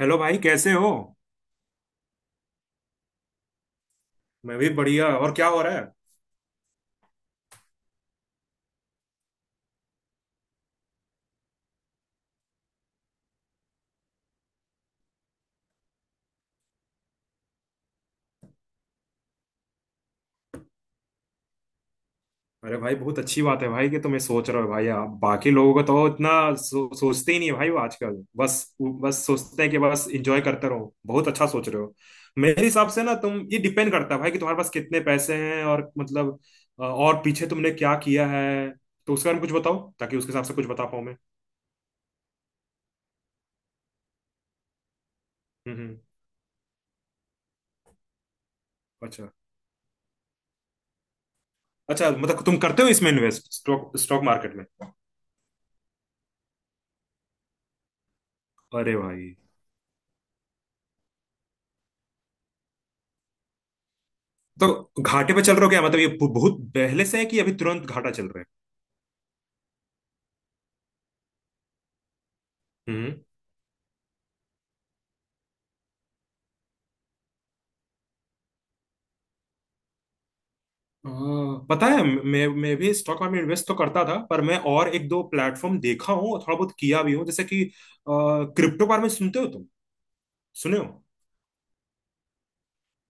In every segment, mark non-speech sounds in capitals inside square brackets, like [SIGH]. Hello भाई, कैसे हो? मैं भी बढ़िया। और क्या हो रहा है? अरे भाई, बहुत अच्छी बात है भाई कि तुम्हें सोच रहे हो। भाई, आप बाकी लोगों को तो इतना सोचते ही नहीं है भाई, वो आजकल बस बस सोचते हैं कि बस एंजॉय करते रहो। बहुत अच्छा सोच रहे हो। मेरे हिसाब से ना तुम, ये डिपेंड करता है भाई कि तुम्हारे पास कितने पैसे हैं, और मतलब और पीछे तुमने क्या किया है, तो उसके बारे में कुछ बताओ ताकि उसके हिसाब से कुछ बता पाऊं मैं। हम्म, हम्म। अच्छा। अच्छा, मतलब तुम करते हो इसमें इन्वेस्ट, स्टॉक स्टॉक मार्केट में? अरे भाई! तो घाटे पे चल रहे हो क्या, मतलब ये बहुत पहले से है कि अभी तुरंत घाटा चल रहा है? हम्म। अ, पता है, मैं भी स्टॉक मार्केट में इन्वेस्ट तो करता था, पर मैं और एक दो प्लेटफॉर्म देखा हूँ, थोड़ा बहुत किया भी हूँ, जैसे कि क्रिप्टो। बारे में सुनते हो तुम? सुने हो?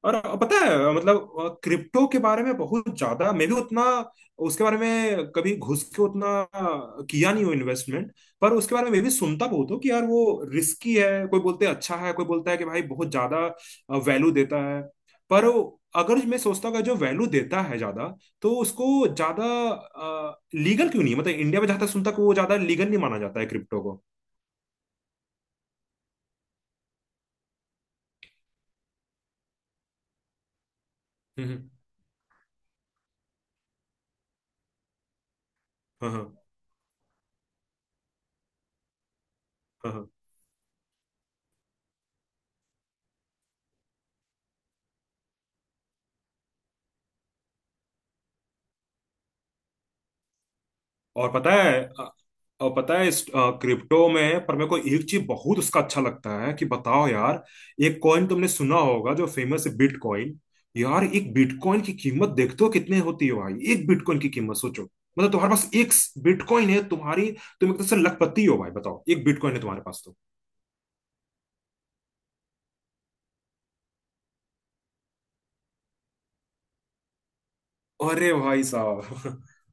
और पता है, मतलब क्रिप्टो के बारे में बहुत ज्यादा मैं भी उतना उसके बारे में कभी घुस के उतना किया नहीं हूँ इन्वेस्टमेंट। पर उसके बारे में मैं भी सुनता बहुत हूँ कि यार वो रिस्की है, कोई बोलते हैं अच्छा है, कोई बोलता है कि भाई बहुत ज्यादा वैल्यू देता है। पर अगर मैं सोचता हूँ कि जो वैल्यू देता है ज्यादा, तो उसको ज्यादा लीगल क्यों नहीं है? मतलब इंडिया में जहां तक सुनता हूँ कि वो ज्यादा लीगल नहीं माना जाता है क्रिप्टो को। हम्म, हम्म। हाँ, हाँ, हाँ। और पता है और पता है इस क्रिप्टो में, पर मेरे को एक चीज बहुत उसका अच्छा लगता है कि बताओ यार, एक कॉइन तुमने सुना होगा जो फेमस है, बिटकॉइन। यार, एक बिटकॉइन की कीमत देखते हो कितने होती है भाई? एक बिटकॉइन की कीमत सोचो, मतलब तुम्हारे पास एक बिटकॉइन है तुम्हारी। तुम एक तरह से लखपति हो भाई, बताओ। एक बिटकॉइन है तुम्हारे पास तो। अरे भाई साहब! [LAUGHS]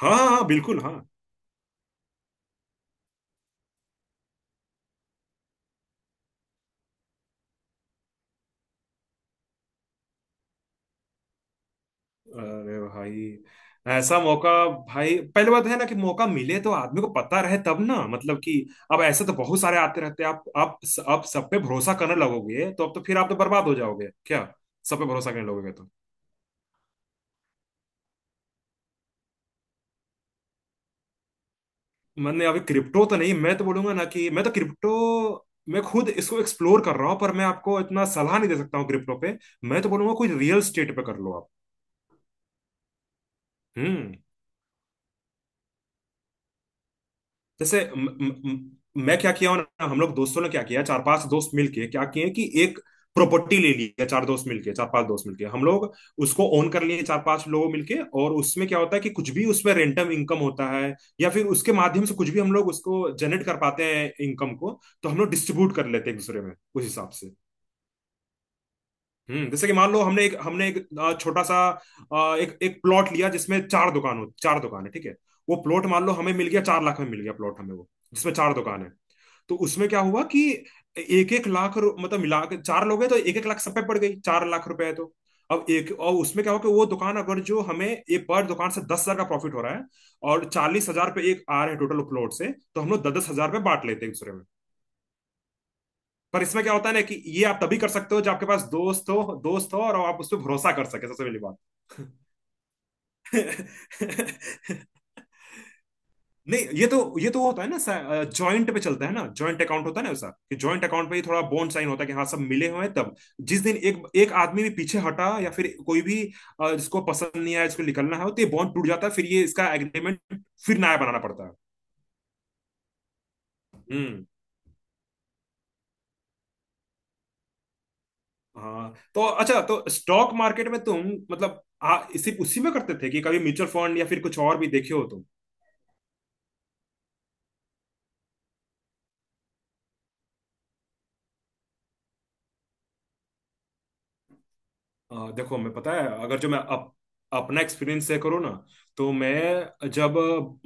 हाँ, हाँ, हाँ, बिल्कुल हाँ। अरे भाई, ऐसा मौका! भाई, पहली बात है ना कि मौका मिले तो आदमी को पता रहे तब ना, मतलब कि अब ऐसे तो बहुत सारे आते रहते हैं। आप सब पे भरोसा करने लगोगे तो, अब तो फिर आप तो बर्बाद हो जाओगे क्या? सब पे भरोसा करने लगोगे तो। मैंने अभी क्रिप्टो तो नहीं, मैं तो बोलूंगा ना कि मैं तो क्रिप्टो, मैं खुद इसको एक्सप्लोर कर रहा हूँ, पर मैं आपको इतना सलाह नहीं दे सकता हूँ क्रिप्टो पे। मैं तो बोलूंगा कोई रियल स्टेट पे कर लो आप। हम्म जैसे म, म, म, मैं क्या किया हूं ना, हम लोग दोस्तों ने क्या किया, चार पांच दोस्त मिलके क्या किए कि एक प्रॉपर्टी ले ली है, चार दोस्त मिलके, चार पांच दोस्त मिलके हम लोग उसको ओन कर लिए, चार पांच लोग मिलके। और उसमें क्या होता है कि कुछ भी उसमें रेंटम इनकम होता है, या फिर उसके माध्यम से कुछ भी हम लोग उसको जनरेट कर पाते हैं इनकम को, तो हम लोग डिस्ट्रीब्यूट कर लेते हैं एक दूसरे में उस हिसाब से। हम्म, जैसे कि मान लो, हमने एक छोटा सा, एक एक प्लॉट लिया जिसमें चार दुकान हो, चार दुकान है, ठीक है। वो प्लॉट मान लो हमें मिल गया, 4 लाख में मिल गया प्लॉट हमें वो, जिसमें चार दुकान है। तो उसमें क्या हुआ कि 1-1 लाख मतलब मिला के, चार लोग हैं तो 1-1 लाख सब पे पड़ गई, 4 लाख रुपए है तो। अब एक और उसमें क्या हुआ कि वो दुकान अगर जो, हमें एक पर दुकान से 10 हजार का प्रॉफिट हो रहा है और 40 हजार पे एक आ रहे हैं टोटल प्लॉट से, तो हम लोग 10-10 हजार पे बांट लेते हैं एक दूसरे में। पर इसमें क्या होता है ना कि ये आप तभी कर सकते हो जब आपके पास दोस्त हो, दोस्त हो और आप उस पर भरोसा कर सके, सबसे पहली बात। [LAUGHS] नहीं, ये तो वो होता है ना, जॉइंट पे चलता है ना, जॉइंट अकाउंट होता है ना वैसा, कि जॉइंट अकाउंट पे ही थोड़ा बॉन्ड साइन होता है कि हाँ सब मिले हुए हैं, तब। जिस दिन एक एक आदमी भी पीछे हटा, या फिर कोई भी जिसको पसंद नहीं आया, जिसको निकलना है, तो ये बॉन्ड टूट जाता है, फिर ये इसका एग्रीमेंट फिर नया बनाना पड़ता है। हम्म। हाँ, तो अच्छा, तो स्टॉक मार्केट में तुम, मतलब इसी उसी में करते थे, कि कभी म्यूचुअल फंड या फिर कुछ और भी देखे हो? देखो, मैं, पता है, अगर जो मैं अपना एक्सपीरियंस शेयर करूँ ना, तो मैं जब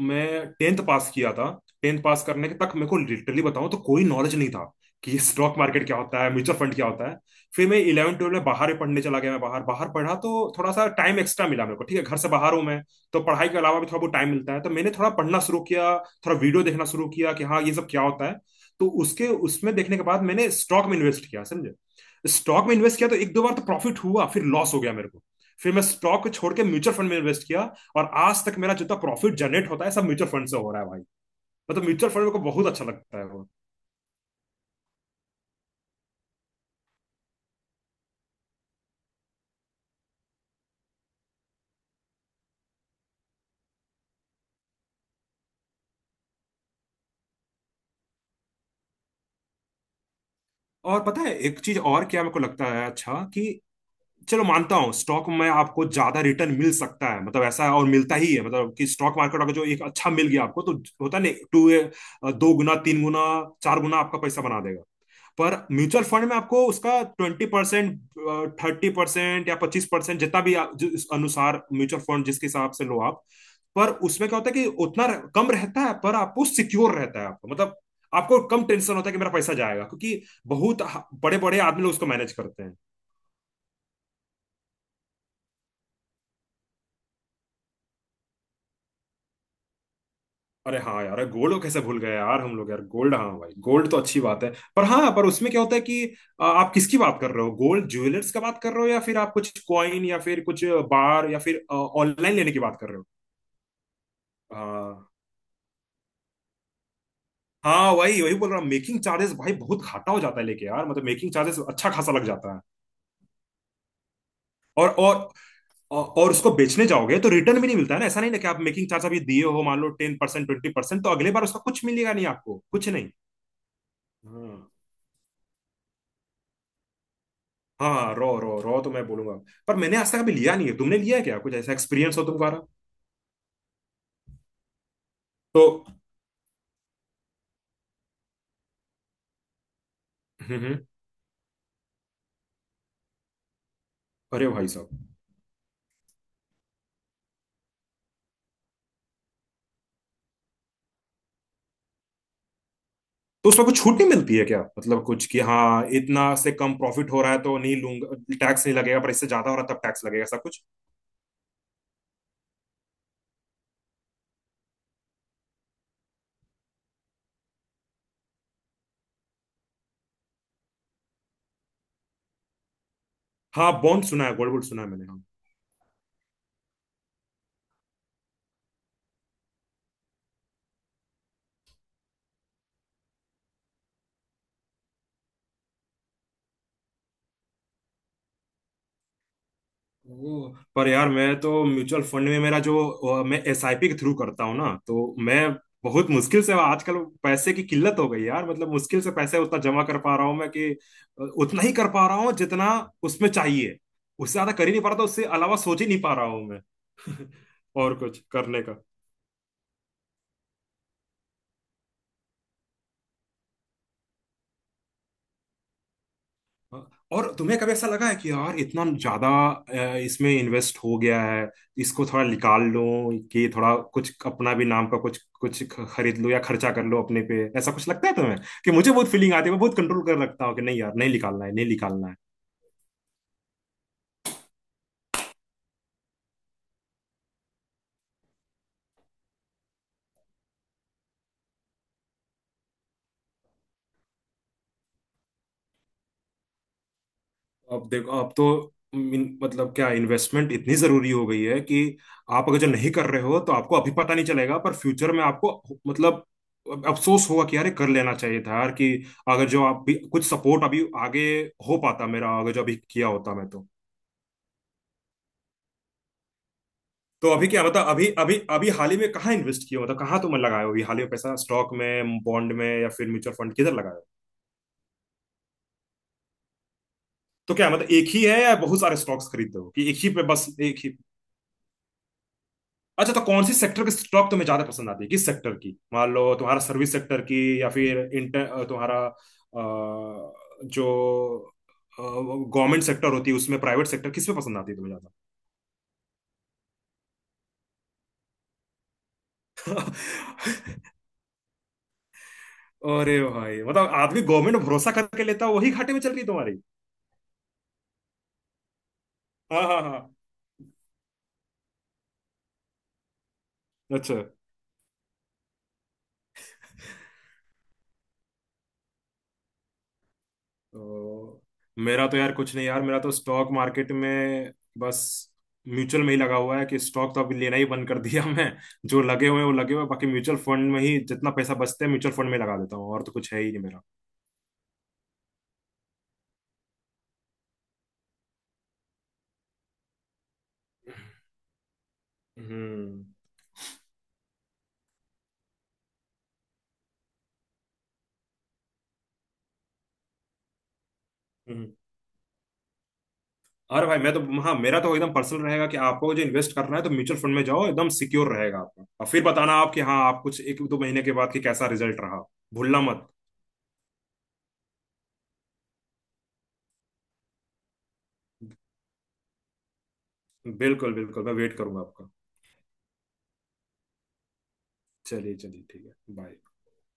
मैं टेंथ पास किया था, टेंथ पास करने के तक मेरे को लिटरली बताऊं तो कोई नॉलेज नहीं था कि स्टॉक मार्केट क्या होता है, म्यूचुअल फंड क्या होता है। फिर मैं इलेवन ट्वेल्व में बाहर ही पढ़ने चला गया, मैं बाहर बाहर पढ़ा, तो थोड़ा सा टाइम एक्स्ट्रा मिला मेरे को, ठीक है, घर से बाहर हूं मैं। तो पढ़ाई के अलावा भी थोड़ा बहुत टाइम मिलता है, तो मैंने थोड़ा पढ़ना शुरू किया, थोड़ा वीडियो देखना शुरू किया कि हाँ ये सब क्या होता है। तो उसके उसमें देखने के बाद मैंने स्टॉक में इन्वेस्ट किया, समझे। स्टॉक में इन्वेस्ट किया तो एक दो बार तो प्रॉफिट हुआ, फिर लॉस हो गया मेरे को। फिर मैं स्टॉक को छोड़ के म्यूचुअल फंड में इन्वेस्ट किया, और आज तक मेरा जितना प्रॉफिट जनरेट होता है सब म्यूचुअल फंड से हो रहा है भाई। मतलब म्यूचुअल फंड मेरे को बहुत अच्छा लगता है वो। और पता है एक चीज और क्या मेरे को लगता है अच्छा, कि चलो, मानता हूँ स्टॉक में आपको ज्यादा रिटर्न मिल सकता है, मतलब ऐसा है और मिलता ही है, मतलब कि स्टॉक मार्केट अगर जो एक अच्छा मिल गया आपको तो, होता नहीं, टू दो गुना, तीन गुना, चार गुना आपका पैसा बना देगा। पर म्यूचुअल फंड में आपको उसका 20%, 30% या 25%, जितना भी जो इस अनुसार म्यूचुअल फंड जिसके हिसाब से लो आप, पर उसमें क्या होता है कि उतना कम रहता है, पर आपको सिक्योर रहता है, आपको मतलब आपको कम टेंशन होता है कि मेरा पैसा जाएगा, क्योंकि बहुत बड़े बड़े आदमी लोग उसको मैनेज करते हैं। अरे हाँ यार, गोल्ड को कैसे भूल गए यार हम लोग, यार गोल्ड, हाँ भाई गोल्ड तो अच्छी बात है। पर हाँ, पर उसमें क्या होता है कि आप किसकी बात कर रहे हो, गोल्ड ज्वेलर्स का बात कर रहे हो, या फिर आप कुछ कॉइन, या फिर कुछ बार, या फिर ऑनलाइन लेने की बात कर रहे हो? हाँ। हाँ वही वही बोल रहा हूँ, मेकिंग चार्जेस भाई, बहुत घाटा हो जाता है लेके यार, मतलब मेकिंग चार्जेस अच्छा खासा लग जाता है। और और और उसको बेचने जाओगे तो रिटर्न भी नहीं मिलता है ना, ऐसा नहीं ना कि आप मेकिंग चार्ज अभी दिए हो मान लो 10%, 20%, तो अगले बार उसका कुछ मिलेगा नहीं आपको, कुछ नहीं। हाँ। हाँ, रॉ रॉ रॉ तो मैं बोलूंगा। पर मैंने आज तक अभी लिया नहीं है, तुमने लिया है क्या, कुछ ऐसा एक्सपीरियंस हो तुम्हारा? तो। हम्म, हम्म। अरे भाई साहब। तो उसमें कुछ छूट नहीं मिलती है क्या, मतलब कुछ, कि हाँ इतना से कम प्रॉफिट हो रहा है तो नहीं लूंगा, टैक्स नहीं लगेगा, पर इससे ज्यादा हो रहा है तब टैक्स लगेगा, ऐसा कुछ? हाँ, बॉन्ड सुना है, गोल्ड बोल्ड सुना है मैंने, हाँ। ओ, पर यार मैं तो म्यूचुअल फंड में, मेरा जो मैं SIP के थ्रू करता हूँ ना, तो मैं बहुत मुश्किल से आजकल, पैसे की किल्लत हो गई यार, मतलब मुश्किल से पैसे उतना जमा कर पा रहा हूँ मैं, कि उतना ही कर पा रहा हूँ जितना उसमें चाहिए, उससे ज्यादा कर ही नहीं पा रहा था, उससे अलावा सोच ही नहीं पा रहा हूँ मैं। [LAUGHS] और कुछ करने का। और तुम्हें कभी ऐसा लगा है कि यार इतना ज्यादा इसमें इन्वेस्ट हो गया है, इसको थोड़ा निकाल लो, कि थोड़ा कुछ अपना भी नाम का कुछ कुछ खरीद लो या खर्चा कर लो अपने पे, ऐसा कुछ लगता है तुम्हें कि मुझे बहुत फीलिंग आती है? मैं बहुत कंट्रोल कर रखता हूँ कि नहीं यार, नहीं निकालना है, नहीं निकालना है। अब देखो, अब तो मतलब क्या, इन्वेस्टमेंट इतनी जरूरी हो गई है कि आप अगर जो नहीं कर रहे हो तो आपको अभी पता नहीं चलेगा, पर फ्यूचर में आपको मतलब अब अफसोस होगा कि यार ये कर लेना चाहिए था यार, कि अगर जो आप भी कुछ सपोर्ट अभी आगे हो पाता मेरा, अगर जो अभी किया होता मैं तो। तो अभी क्या बता, अभी अभी अभी हाल ही में कहाँ इन्वेस्ट किया हो, मतलब कहाँ तुम लगाए हो अभी हाल ही में पैसा, स्टॉक में, बॉन्ड में, या फिर म्यूचुअल फंड, किधर लगाए हो? तो क्या मतलब, एक ही है या बहुत सारे स्टॉक्स खरीदते हो, कि एक ही पे बस एक ही? अच्छा, तो कौन सी सेक्टर की स्टॉक तुम्हें ज्यादा पसंद आती है, किस सेक्टर की? मान लो तुम्हारा, सर्विस सेक्टर की या फिर इंटर तुम्हारा जो गवर्नमेंट सेक्टर होती है, उसमें प्राइवेट सेक्टर, किस में पसंद आती है तुम्हें ज्यादा? [LAUGHS] अरे भाई, मतलब आदमी गवर्नमेंट भरोसा करके लेता है, वही घाटे में चल रही है तुम्हारी। हाँ, हाँ, हाँ। अच्छा। तो मेरा तो यार कुछ नहीं यार, मेरा तो स्टॉक मार्केट में, बस म्यूचुअल में ही लगा हुआ है, कि स्टॉक तो अभी लेना ही बंद कर [LAUGHS] दिया मैं। जो लगे हुए हैं वो लगे हुए हैं, बाकी म्यूचुअल फंड में ही जितना पैसा बचता है म्यूचुअल फंड में लगा देता हूँ, और तो कुछ है ही नहीं मेरा। हम्म। हम्म। अरे भाई, मैं तो, हाँ, मेरा तो एकदम पर्सनल रहेगा कि आपको जो इन्वेस्ट करना है तो म्यूचुअल फंड में जाओ, एकदम सिक्योर रहेगा आपका, और फिर बताना आप कि हाँ आप कुछ एक दो महीने के बाद कि कैसा रिजल्ट रहा। भूलना मत। बिल्कुल, बिल्कुल, मैं वेट करूंगा आपका। चलिए, चलिए, ठीक है, बाय।